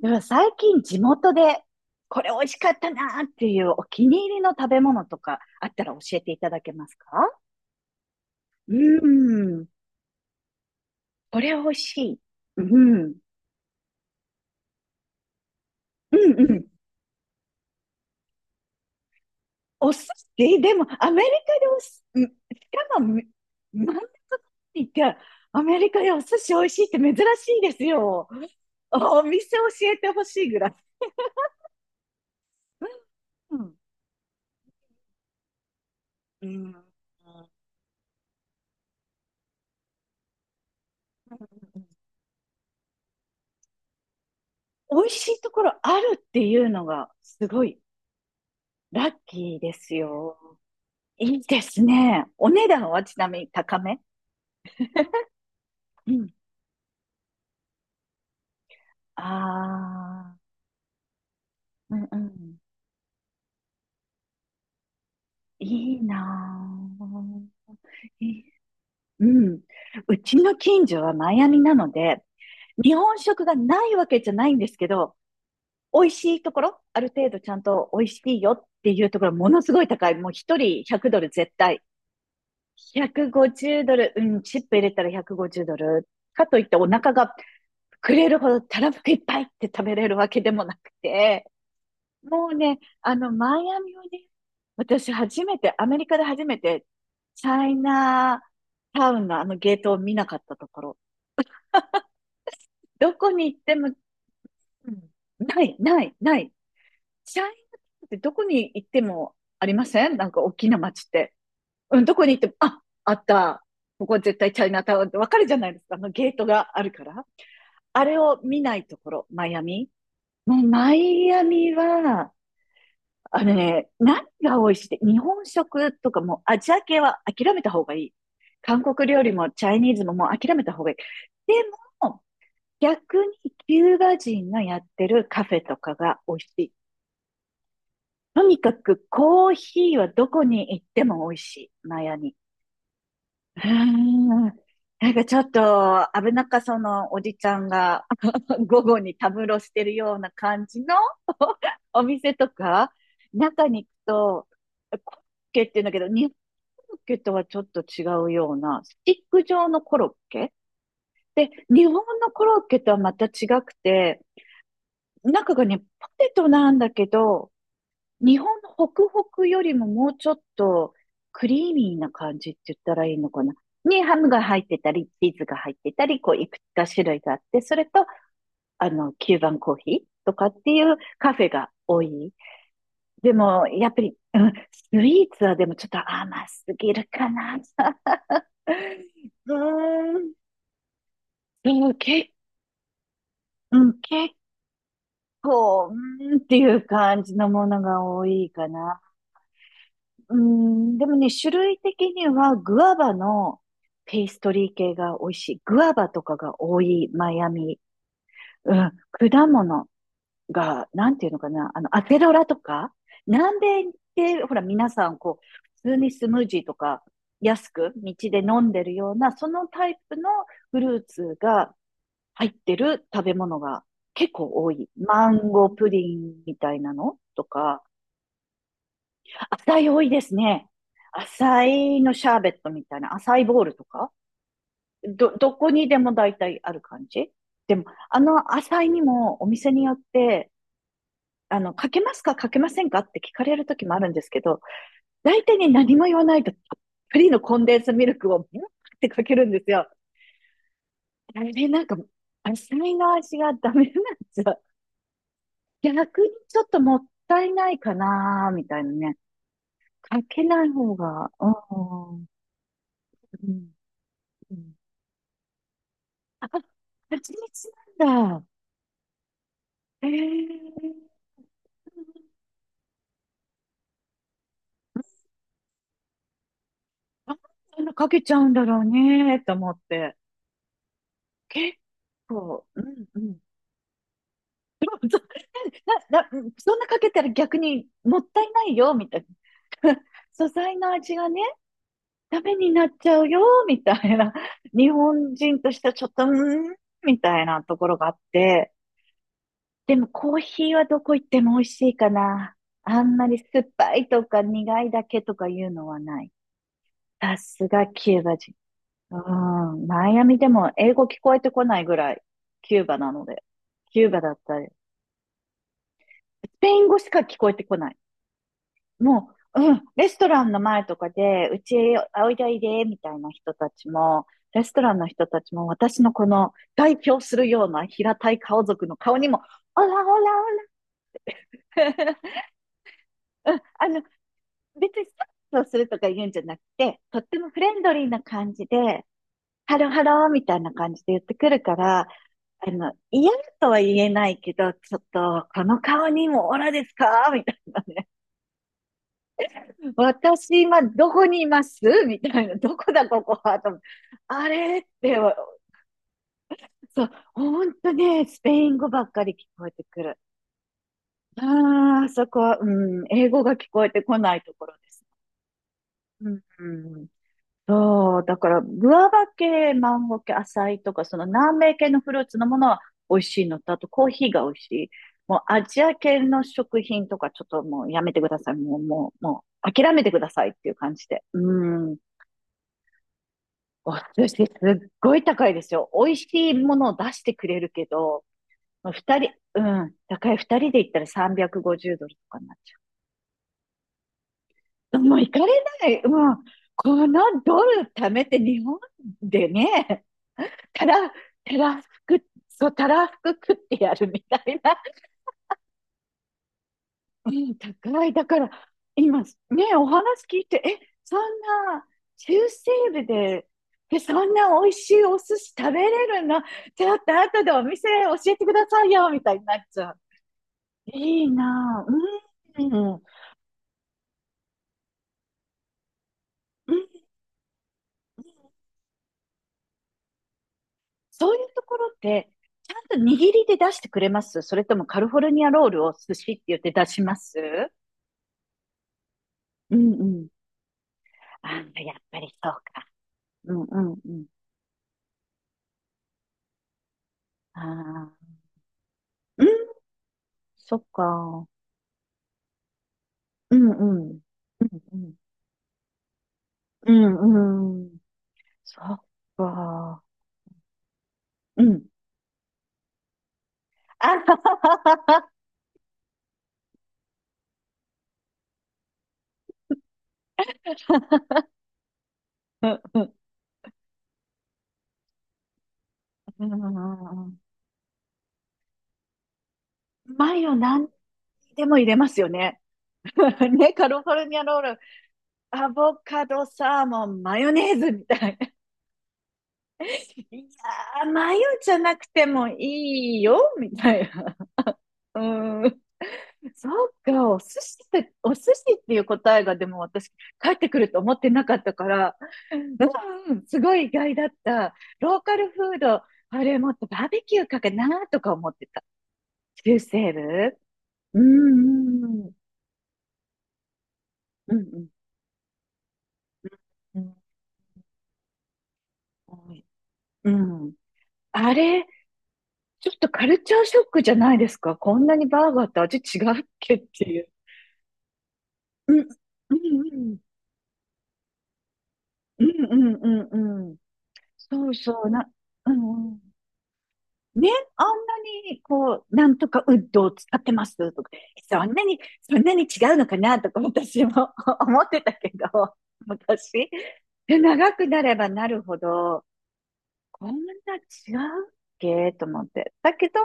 でも最近地元でこれ美味しかったなっていうお気に入りの食べ物とかあったら教えていただけますか？うーん。これ美味しい。うん。うんうん。お寿司でもアメリカでお寿司、うん、しかも真ん中にって、アメリカでお寿司美味しいって珍しいですよ。お店教えてほしいぐらい。うん。うん。美味しいところあるっていうのがすごいラッキーですよ。いいですね。お値段はちなみに高め？うん。ああ、うんうん。いいなぁ。い。うん。うちの近所はマイアミなので、日本食がないわけじゃないんですけど、美味しいところ、ある程度ちゃんと美味しいよっていうところ、ものすごい高い。もう一人100ドル絶対。150ドル、うん、チップ入れたら150ドル。かといってお腹が膨れるほどたらふくいっぱいって食べれるわけでもなくて、もうね、マイアミをね、私初めて、アメリカで初めて、チャイナタウンのあのゲートを見なかったところ、どこに行っても、うん、ない、ない、ない。チャイナタウンってどこに行ってもありませんなんか大きな街って。うん、どこに行っても、あ、あった。ここ絶対チャイナタウンってわかるじゃないですか。あのゲートがあるから。あれを見ないところ、マイアミ。もうマイアミは、あのね、何が美味しいって、日本食とかもうアジア系は諦めた方がいい。韓国料理もチャイニーズももう諦めた方がいい。でも、逆にキューバ人がやってるカフェとかが美味しい。とにかくコーヒーはどこに行っても美味しい。マヤに。うーん。なんかちょっと危なっかそのおじちゃんが 午後にたむろしてるような感じの お店とか、中に行くと、コロッケって言うんだけど、日本コロッケとはちょっと違うような、スティック状のコロッケで、日本のコロッケとはまた違くて、中がね、ポテトなんだけど、日本のホクホクよりももうちょっとクリーミーな感じって言ったらいいのかな。にハムが入ってたり、チーズが入ってたり、こういくつか種類があって、それと、キューバンコーヒーとかっていうカフェが多い。でも、やっぱり、うん、スイーツはでもちょっと甘すぎるかな。うーん、でもけ、うん、結構、うーんっていう感じのものが多いかな。うん、でもね、種類的にはグアバのペーストリー系が美味しい。グアバとかが多い、マイアミ。うん、果物が、なんていうのかな、アセロラとか、南米ってほら皆さんこう、普通にスムージーとか安く道で飲んでるような、そのタイプのフルーツが入ってる食べ物が結構多い。マンゴープリンみたいなのとか、浅い多いですね。浅いのシャーベットみたいな、浅いボールとか、どこにでも大体ある感じ。でも、あの浅いにもお店によって、かけますか、かけませんかって聞かれる時もあるんですけど、大体ね、何も言わないと、フリーのコンデンスミルクをブワーってかけるんですよ。あれ、なんか、浅いの味がダメなんでゃよ。逆にちょっともったいないかな、みたいなね。かけない方が、うん、うん、うん。蜂蜜なんだ。ええ、なんであんなかけちゃうんだろうね、と思って。結構、うんうん。そな、な、そんなかけたら逆にもったいないよ、みたいな。素材の味がね、ダメになっちゃうよ、みたいな。日本人としてはちょっと、うーん、みたいなところがあって。でもコーヒーはどこ行っても美味しいかな。あんまり酸っぱいとか苦いだけとかいうのはない。さすがキューバ人。うん。マイアミでも英語聞こえてこないぐらい、キューバなので。キューバだったりスペイン語しか聞こえてこない。もう、うん、レストランの前とかで、うちへおいでおいで、みたいな人たちも、レストランの人たちも、私のこの代表するような平たい顔族の顔にも、オラオラオラ、うん、別にスタッフをするとか言うんじゃなくて、とってもフレンドリーな感じで、ハローハローみたいな感じで言ってくるから、嫌とは言えないけど、ちょっと、この顔にもオラですかみたいなね。私今どこにいますみたいな。どこだここはと思って、あれって、そう、ほんとね、スペイン語ばっかり聞こえてくる。ああ、そこは、うん、英語が聞こえてこないところです。うん、うん、そう、だから、グアバ系、マンゴー系、アサイとか、その南米系のフルーツのものは美味しいのと、あとコーヒーが美味しい。もうアジア系の食品とか、ちょっともうやめてください。もう、もう、もう、諦めてくださいっていう感じで。うん。お寿司すっごい高いですよ。美味しいものを出してくれるけど、まあ二人、うん、高い二人で行ったら350ドルとかになっちゃう。もう行かれない。もう、このドル貯めて日本でね、たら、たらふく、そう、たらふく食ってやるみたいな。うん、高い。だから、今、ね、お話聞いて、え、そんな、中西部で、でそんな美味しいお寿司食べれるの？ちょっと後でお店教えてくださいよ、みたいになっちゃう。いいなぁ。うん、うん。そういうところって、ちゃんと握りで出してくれます？それともカルフォルニアロールを寿司って言って出します？うんうん。あ、やっぱりそう、うんうんうん。ああ、うん、そっか。うんうん。うんうん。うんうん。そっか。うん。あはははは。うんうん、マヨ何でも入れますよね。ね、カリフォルニアロール、アボカド、サーモン、マヨネーズみたいな。いやー、マヨじゃなくてもいいよ、みたいな。うん。そうか、お寿司って、お寿司っていう答えがでも私、帰ってくると思ってなかったから、うん、すごい意外だった。ローカルフード、あれもっとバーベキューかかなとか思ってた。中西部。うんうんうんうんうんうん。うん、あれ、ちょっとカルチャーショックじゃないですか。こんなにバーガーって味違うっけっていう。うんうんうんうんうんうんうんうん。そうそうな、うんうん。ね、あんなに、こう、なんとかウッドを使ってますとか、そんなに、そんなに違うのかなとか私も 思ってたけど、昔。で、長くなればなるほど、こんな違うっけと思って。だけど、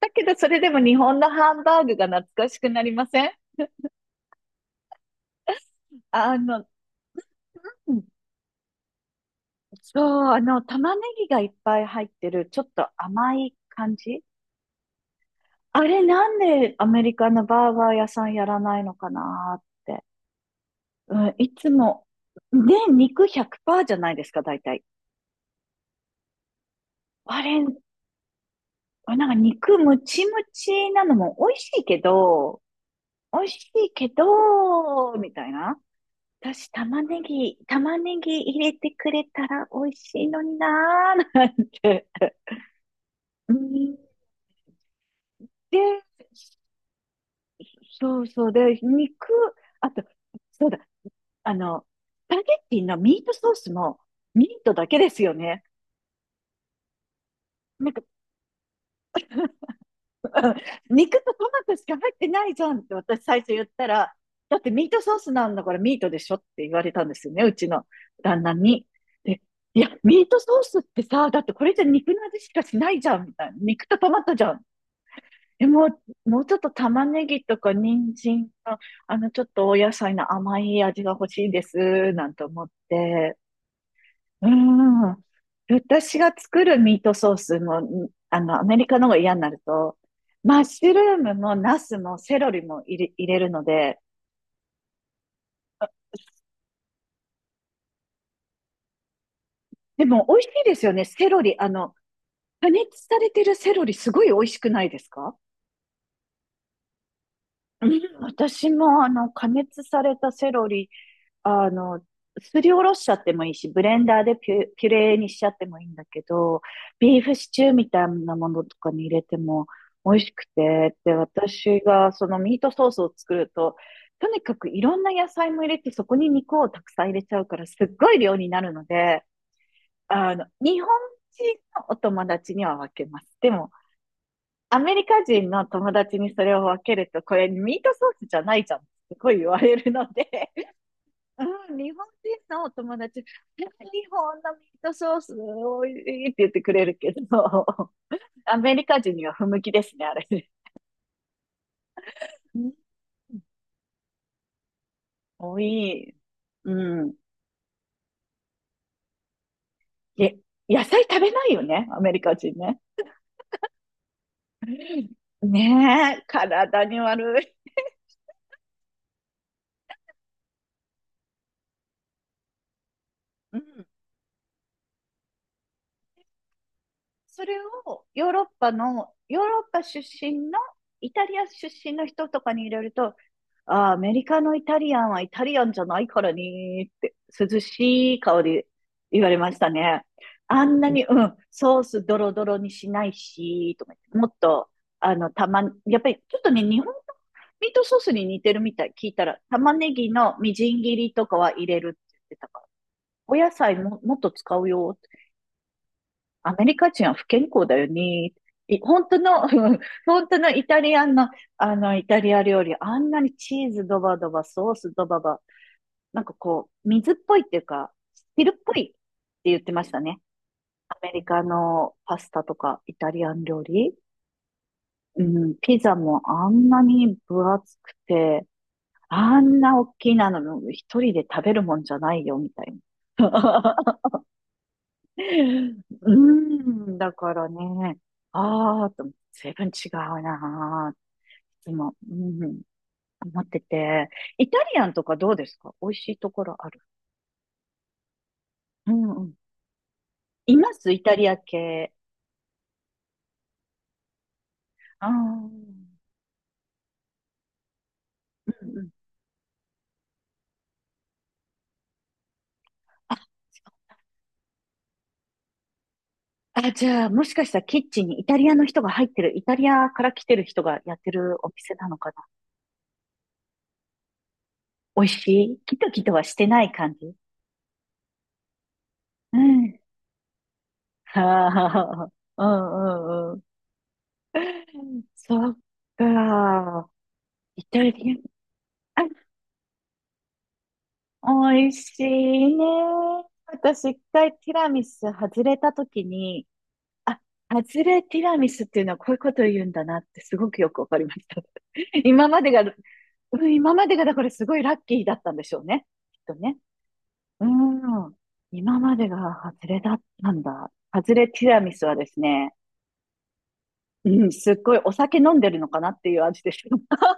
だけどそれでも日本のハンバーグが懐かしくなりません？あの、うんそう、あの、玉ねぎがいっぱい入ってる、ちょっと甘い感じ。あれなんでアメリカのバーガー屋さんやらないのかなって。うん、いつも、で、肉100%じゃないですか、大体。あれ、あれなんか肉ムチムチなのも美味しいけど、美味しいけど、みたいな。私、玉ねぎ入れてくれたら美味しいのになー、なんて。うん。で、そうそう。で、肉、あと、そうだ、あの、スパゲッティのミートソースもミートだけですよね。なんか、 うん肉とトマトしか入ってないじゃんって私最初言ったら、だってミートソースなんだからミートでしょって言われたんですよね、うちの旦那に。で、いや、ミートソースってさ、だってこれじゃ肉の味しかしないじゃん、みたいな。肉とトマトじゃん。え、もう、もうちょっと玉ねぎとか人参の、あの、ちょっとお野菜の甘い味が欲しいです、なんて思って。うん。私が作るミートソースも、アメリカの方が嫌になると、マッシュルームもナスもセロリも入れるので、でも美味しいですよね。セロリ、あの、加熱されてるセロリすごい美味しくないですか？うん、私もあの、加熱されたセロリ、あの、すりおろしちゃってもいいし、ブレンダーでピュレーにしちゃってもいいんだけど、ビーフシチューみたいなものとかに入れても美味しくて、で、私がそのミートソースを作ると、とにかくいろんな野菜も入れて、そこに肉をたくさん入れちゃうから、すっごい量になるので、あの、日本人のお友達には分けます。でも、アメリカ人の友達にそれを分けると、これミートソースじゃないじゃん。すごい言われるので、うん、日本人のお友達、日本のミートソースおいしいって言ってくれるけど、アメリカ人には不向きですね、あれね。うん、多い。うん。え、野菜食べないよね、アメリカ人ね。ねえ、体に悪い。うん、それをヨーロッパの、ヨーロッパ出身の、イタリア出身の人とかに入れると、ああ、アメリカのイタリアンはイタリアンじゃないからねーって、涼しい顔で言われましたね。あんなに、うん、ソースドロドロにしないし、とか言って、もっと、あの、たま、やっぱりちょっとね、日本のミートソースに似てるみたい。聞いたら、玉ねぎのみじん切りとかは入れるって言ってたから、お野菜も、もっと使うよ。アメリカ人は不健康だよね。い本当の、うん、本当のイタリアンの、あの、イタリア料理、あんなにチーズドバドバ、ソースドババ、なんかこう、水っぽいっていうか、汁っぽいって言ってましたね。アメリカのパスタとか、イタリアン料理。うん、ピザもあんなに分厚くて、あんな大きいなの、一人で食べるもんじゃないよ、みたいな。うーん、だからね、ああ、と、随分違うなー、いつも、うん、思ってて。イタリアンとかどうですか、美味しいところある？うんうん。いますイタリア系。ああ、うんうん。あ、あ、じゃあ、もしかしたらキッチンにイタリアの人が入ってる、イタリアから来てる人がやってるお店なのかな。美味しいキトキトはしてない感じ？うん。はあ、うんうんうん。そっか。イタリアン、あ、美味しいね。私、一回ティラミス外れたときに、あ、外れティラミスっていうのはこういうことを言うんだなってすごくよくわかりました。今までが、うん、今までがだからすごいラッキーだったんでしょうね。きっとね。うん。今までが外れだったんだ。外れティラミスはですね、うん、すっごいお酒飲んでるのかなっていう味でした。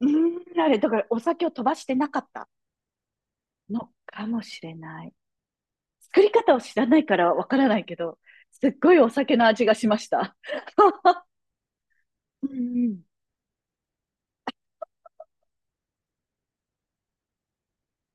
うん、あれ、だからお酒を飛ばしてなかったのかもしれない。作り方を知らないからわからないけど、すっごいお酒の味がしました。うんうん。